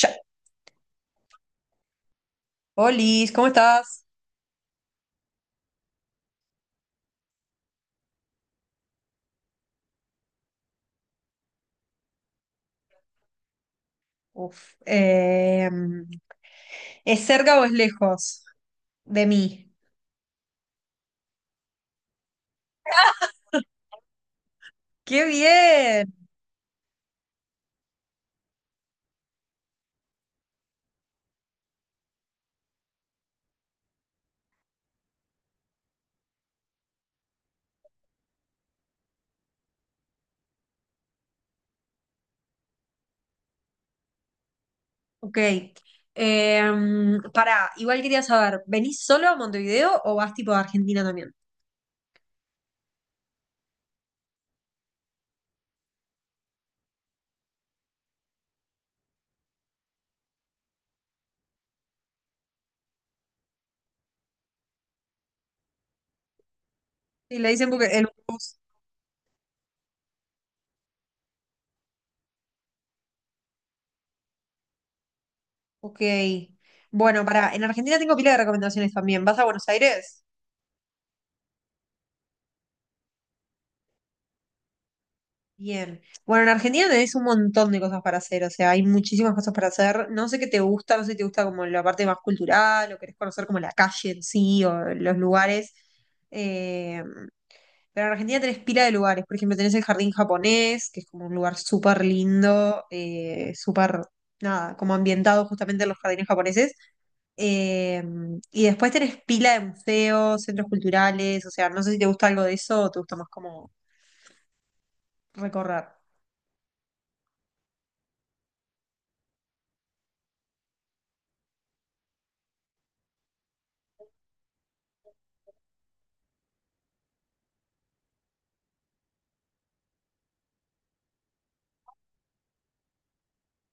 Ya. Olis, ¿cómo estás? Uf, eh, ¿Es cerca o es lejos de mí? ¡Qué bien! Ok. Eh, Pará, igual quería saber, ¿venís solo a Montevideo o vas tipo a Argentina también? Sí, le dicen porque el bus. Ok. Bueno, pará, en Argentina tengo pila de recomendaciones también. ¿Vas a Buenos Aires? Bien. Bueno, en Argentina tenés un montón de cosas para hacer, o sea, hay muchísimas cosas para hacer. No sé qué te gusta, no sé si te gusta como la parte más cultural o querés conocer como la calle en sí o los lugares. Eh, pero en Argentina tenés pila de lugares, por ejemplo, tenés el Jardín Japonés, que es como un lugar súper lindo, súper, nada, como ambientado justamente en los jardines japoneses. Eh, y después tenés pila de museos, centros culturales, o sea, no sé si te gusta algo de eso o te gusta más como recorrer.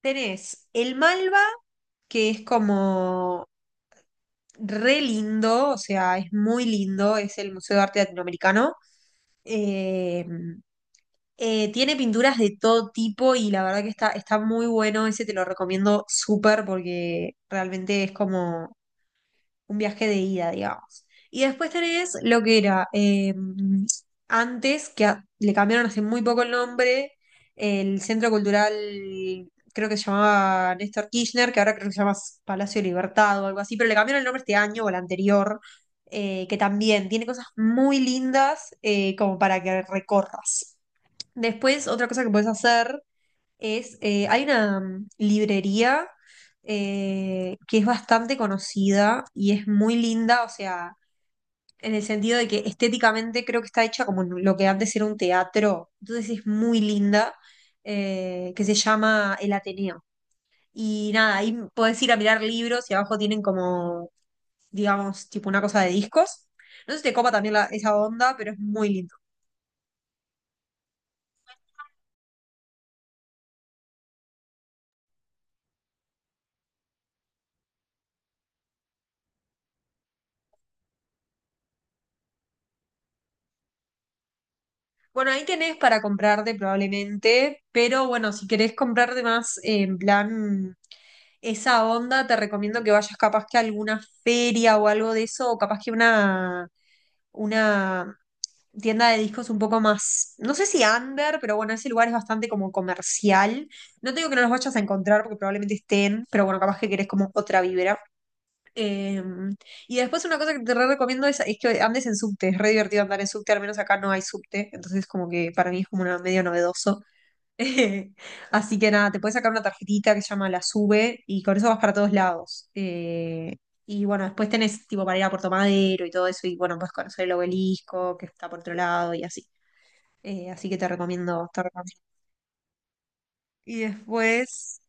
Tenés el Malva, que es como re lindo, o sea, es muy lindo, es el Museo de Arte Latinoamericano. Eh, Tiene pinturas de todo tipo y la verdad que está muy bueno, ese te lo recomiendo súper porque realmente es como un viaje de ida, digamos. Y después tenés lo que era antes, que le cambiaron hace muy poco el nombre, el Centro Cultural, creo que se llamaba Néstor Kirchner, que ahora creo que se llama Palacio de Libertad o algo así, pero le cambiaron el nombre este año o el anterior, que también tiene cosas muy lindas como para que recorras. Después, otra cosa que puedes hacer es, hay una librería que es bastante conocida y es muy linda, o sea, en el sentido de que estéticamente creo que está hecha como en lo que antes era un teatro, entonces es muy linda, que se llama El Ateneo. Y nada, ahí puedes ir a mirar libros y abajo tienen como, digamos, tipo una cosa de discos. No sé si te copa también esa onda, pero es muy lindo. Bueno, ahí tenés para comprarte probablemente, pero bueno, si querés comprarte más en plan esa onda, te recomiendo que vayas capaz que a alguna feria o algo de eso, o capaz que una tienda de discos un poco más, no sé si under, pero bueno, ese lugar es bastante como comercial. No te digo que no los vayas a encontrar porque probablemente estén, pero bueno, capaz que querés como otra vibra. Eh, y después una cosa que te re recomiendo es que andes en subte, es re divertido andar en subte, al menos acá no hay subte, entonces como que para mí es como una, medio novedoso. Así que nada, te puedes sacar una tarjetita que se llama la SUBE y con eso vas para todos lados. Y bueno, después tenés tipo para ir a Puerto Madero y todo eso y bueno, puedes conocer el obelisco que está por otro lado y así. Así que te recomiendo, te recomiendo. Y después...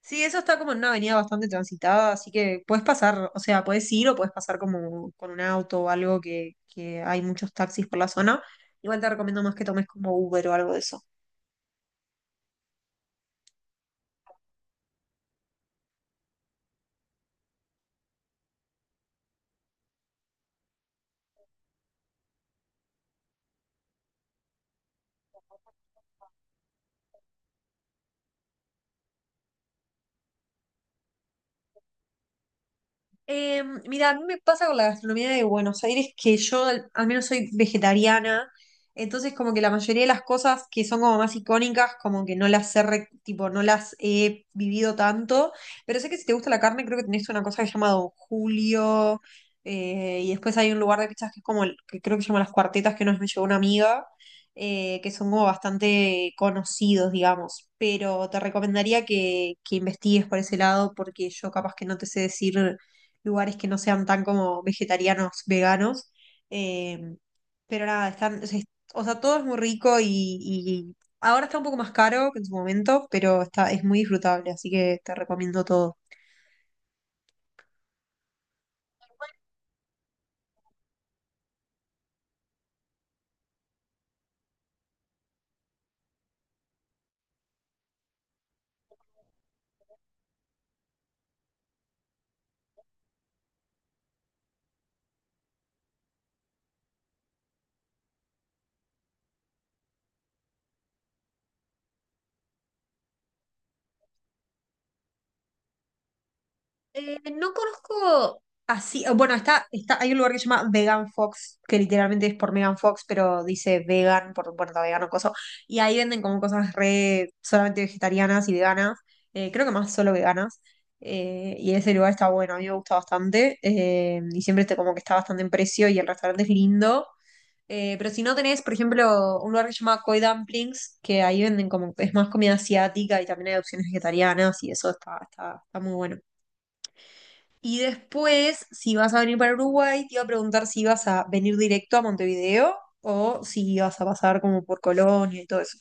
Sí, eso está como en una avenida bastante transitada, así que puedes pasar, o sea, puedes ir o puedes pasar como con un auto o algo que hay muchos taxis por la zona. Igual te recomiendo más que tomes como Uber o algo de eso. Mira, a mí me pasa con la gastronomía de Buenos Aires que yo al menos soy vegetariana, entonces como que la mayoría de las cosas que son como más icónicas, como que no las tipo, no las he vivido tanto, pero sé que si te gusta la carne, creo que tenés una cosa que se llama Don Julio, y después hay un lugar de pizzas que es como, que creo que se llama Las Cuartetas, que nos me llevó una amiga, que son como bastante conocidos, digamos, pero te recomendaría que investigues por ese lado porque yo capaz que no te sé decir lugares que no sean tan como vegetarianos, veganos. eh, pero nada, están, o sea, o sea, todo es muy rico y ahora está un poco más caro que en su momento, pero está, es muy disfrutable, así que te recomiendo todo. No conozco así, o bueno, está, hay un lugar que se llama Vegan Fox, que literalmente es por Megan Fox, pero dice vegan, por, bueno, está vegano, coso, y ahí venden como cosas re solamente vegetarianas y veganas, creo que más solo veganas, y ese lugar está bueno, a mí me gusta bastante, y siempre este como que está bastante en precio y el restaurante es lindo. Pero si no tenés, por ejemplo, un lugar que se llama Koi Dumplings, que ahí venden como, es más comida asiática y también hay opciones vegetarianas y eso está, está muy bueno. Y después, si vas a venir para Uruguay, te iba a preguntar si ibas a venir directo a Montevideo o si ibas a pasar como por Colonia y todo eso.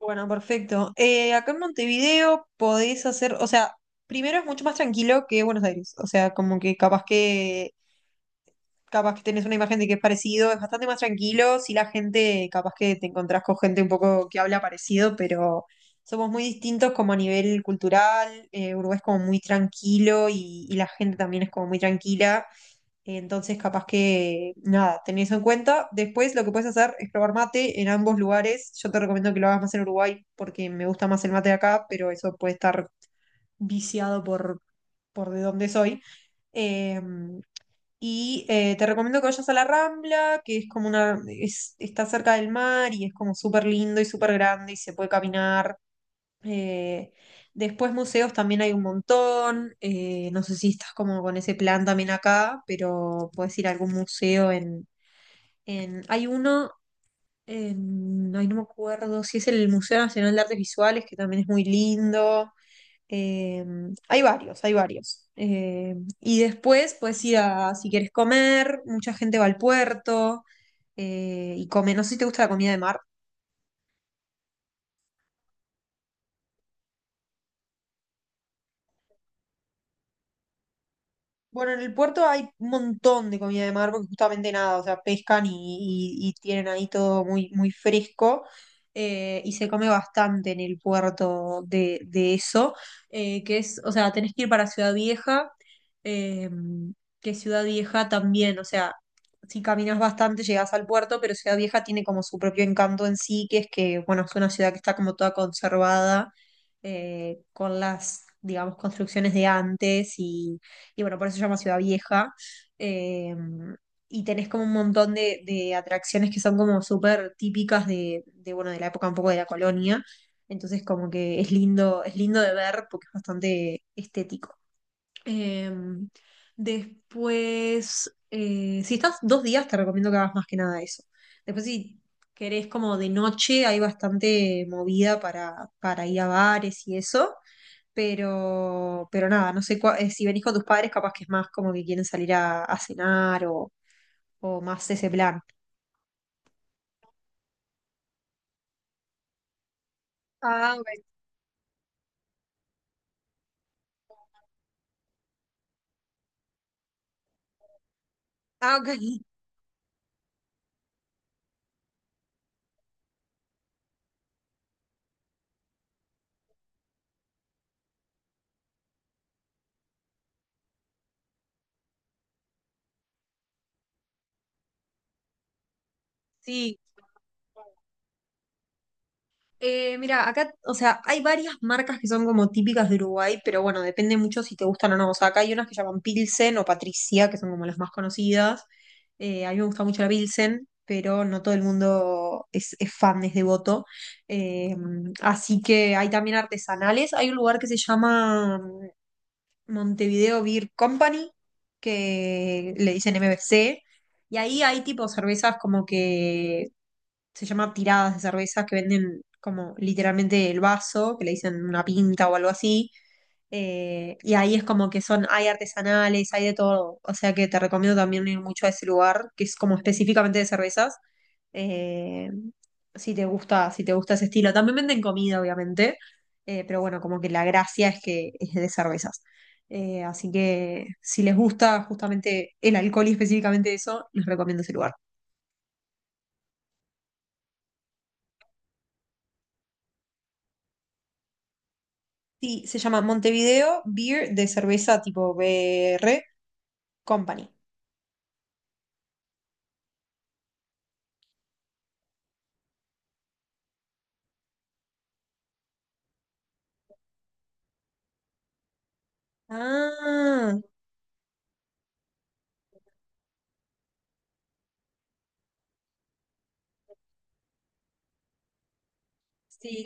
Bueno, perfecto. Acá en Montevideo podés hacer, o sea, primero es mucho más tranquilo que Buenos Aires. O sea, como que capaz que tenés una imagen de que es parecido, es bastante más tranquilo, si la gente, capaz que te encontrás con gente un poco que habla parecido, pero somos muy distintos como a nivel cultural, Uruguay es como muy tranquilo y la gente también es como muy tranquila, entonces capaz que, nada, tenés eso en cuenta. Después lo que puedes hacer es probar mate en ambos lugares, yo te recomiendo que lo hagas más en Uruguay porque me gusta más el mate de acá, pero eso puede estar viciado por de dónde soy. Eh, Te recomiendo que vayas a la Rambla, que es como una, está cerca del mar y es como súper lindo y súper grande y se puede caminar. Eh, Después museos también hay un montón. No sé si estás como con ese plan también acá, pero puedes ir a algún museo en hay uno, en, ay, no me acuerdo si es el Museo Nacional de Artes Visuales, que también es muy lindo. Eh, Hay varios, hay varios. Y después puedes ir a, si quieres comer, mucha gente va al puerto y come. No sé si te gusta la comida de mar. Bueno, en el puerto hay un montón de comida de mar porque justamente nada, o sea, pescan y tienen ahí todo muy, muy fresco y se come bastante en el puerto de eso, que es, o sea, tenés que ir para Ciudad Vieja, eh, que Ciudad Vieja también, o sea, si caminas bastante llegás al puerto, pero Ciudad Vieja tiene como su propio encanto en sí, que es que, bueno, es una ciudad que está como toda conservada con las, digamos, construcciones de antes y bueno, por eso se llama Ciudad Vieja. Eh, y tenés como un montón de atracciones que son como súper típicas bueno, de la época un poco de la colonia. Entonces como que es lindo de ver porque es bastante estético. Em, Después, si estás dos días, te recomiendo que hagas más que nada eso. Después, si querés como de noche, hay bastante movida para ir a bares y eso. Pero nada, no sé si venís con tus padres, capaz que es más como que quieren salir a cenar o más ese plan. Ah, ok. Ah, ok. Sí. Mira, acá, o sea, hay varias marcas que son como típicas de Uruguay, pero bueno, depende mucho si te gustan o no. O sea, acá hay unas que llaman Pilsen o Patricia, que son como las más conocidas. A mí me gusta mucho la Pilsen, pero no todo el mundo es fan, es devoto. Eh, Así que hay también artesanales. Hay un lugar que se llama Montevideo Beer Company, que le dicen MBC, y ahí hay tipo cervezas como que se llama tiradas de cervezas que venden como literalmente el vaso, que le dicen una pinta o algo así. Y ahí es como que son, hay artesanales, hay de todo. O sea que te recomiendo también ir mucho a ese lugar, que es como específicamente de cervezas. eh, si te gusta, si te gusta ese estilo. También venden comida, obviamente. Pero bueno, como que la gracia es que es de cervezas. Así que si les gusta justamente el alcohol y específicamente eso, les recomiendo ese lugar. Sí, se llama Montevideo Beer de cerveza tipo B R Company. Ah, sí,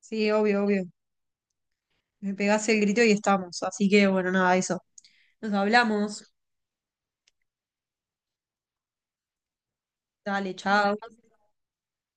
sí, obvio, obvio. Me pegás el grito y estamos. Así que bueno, nada, eso. Nos hablamos. Dale, chao.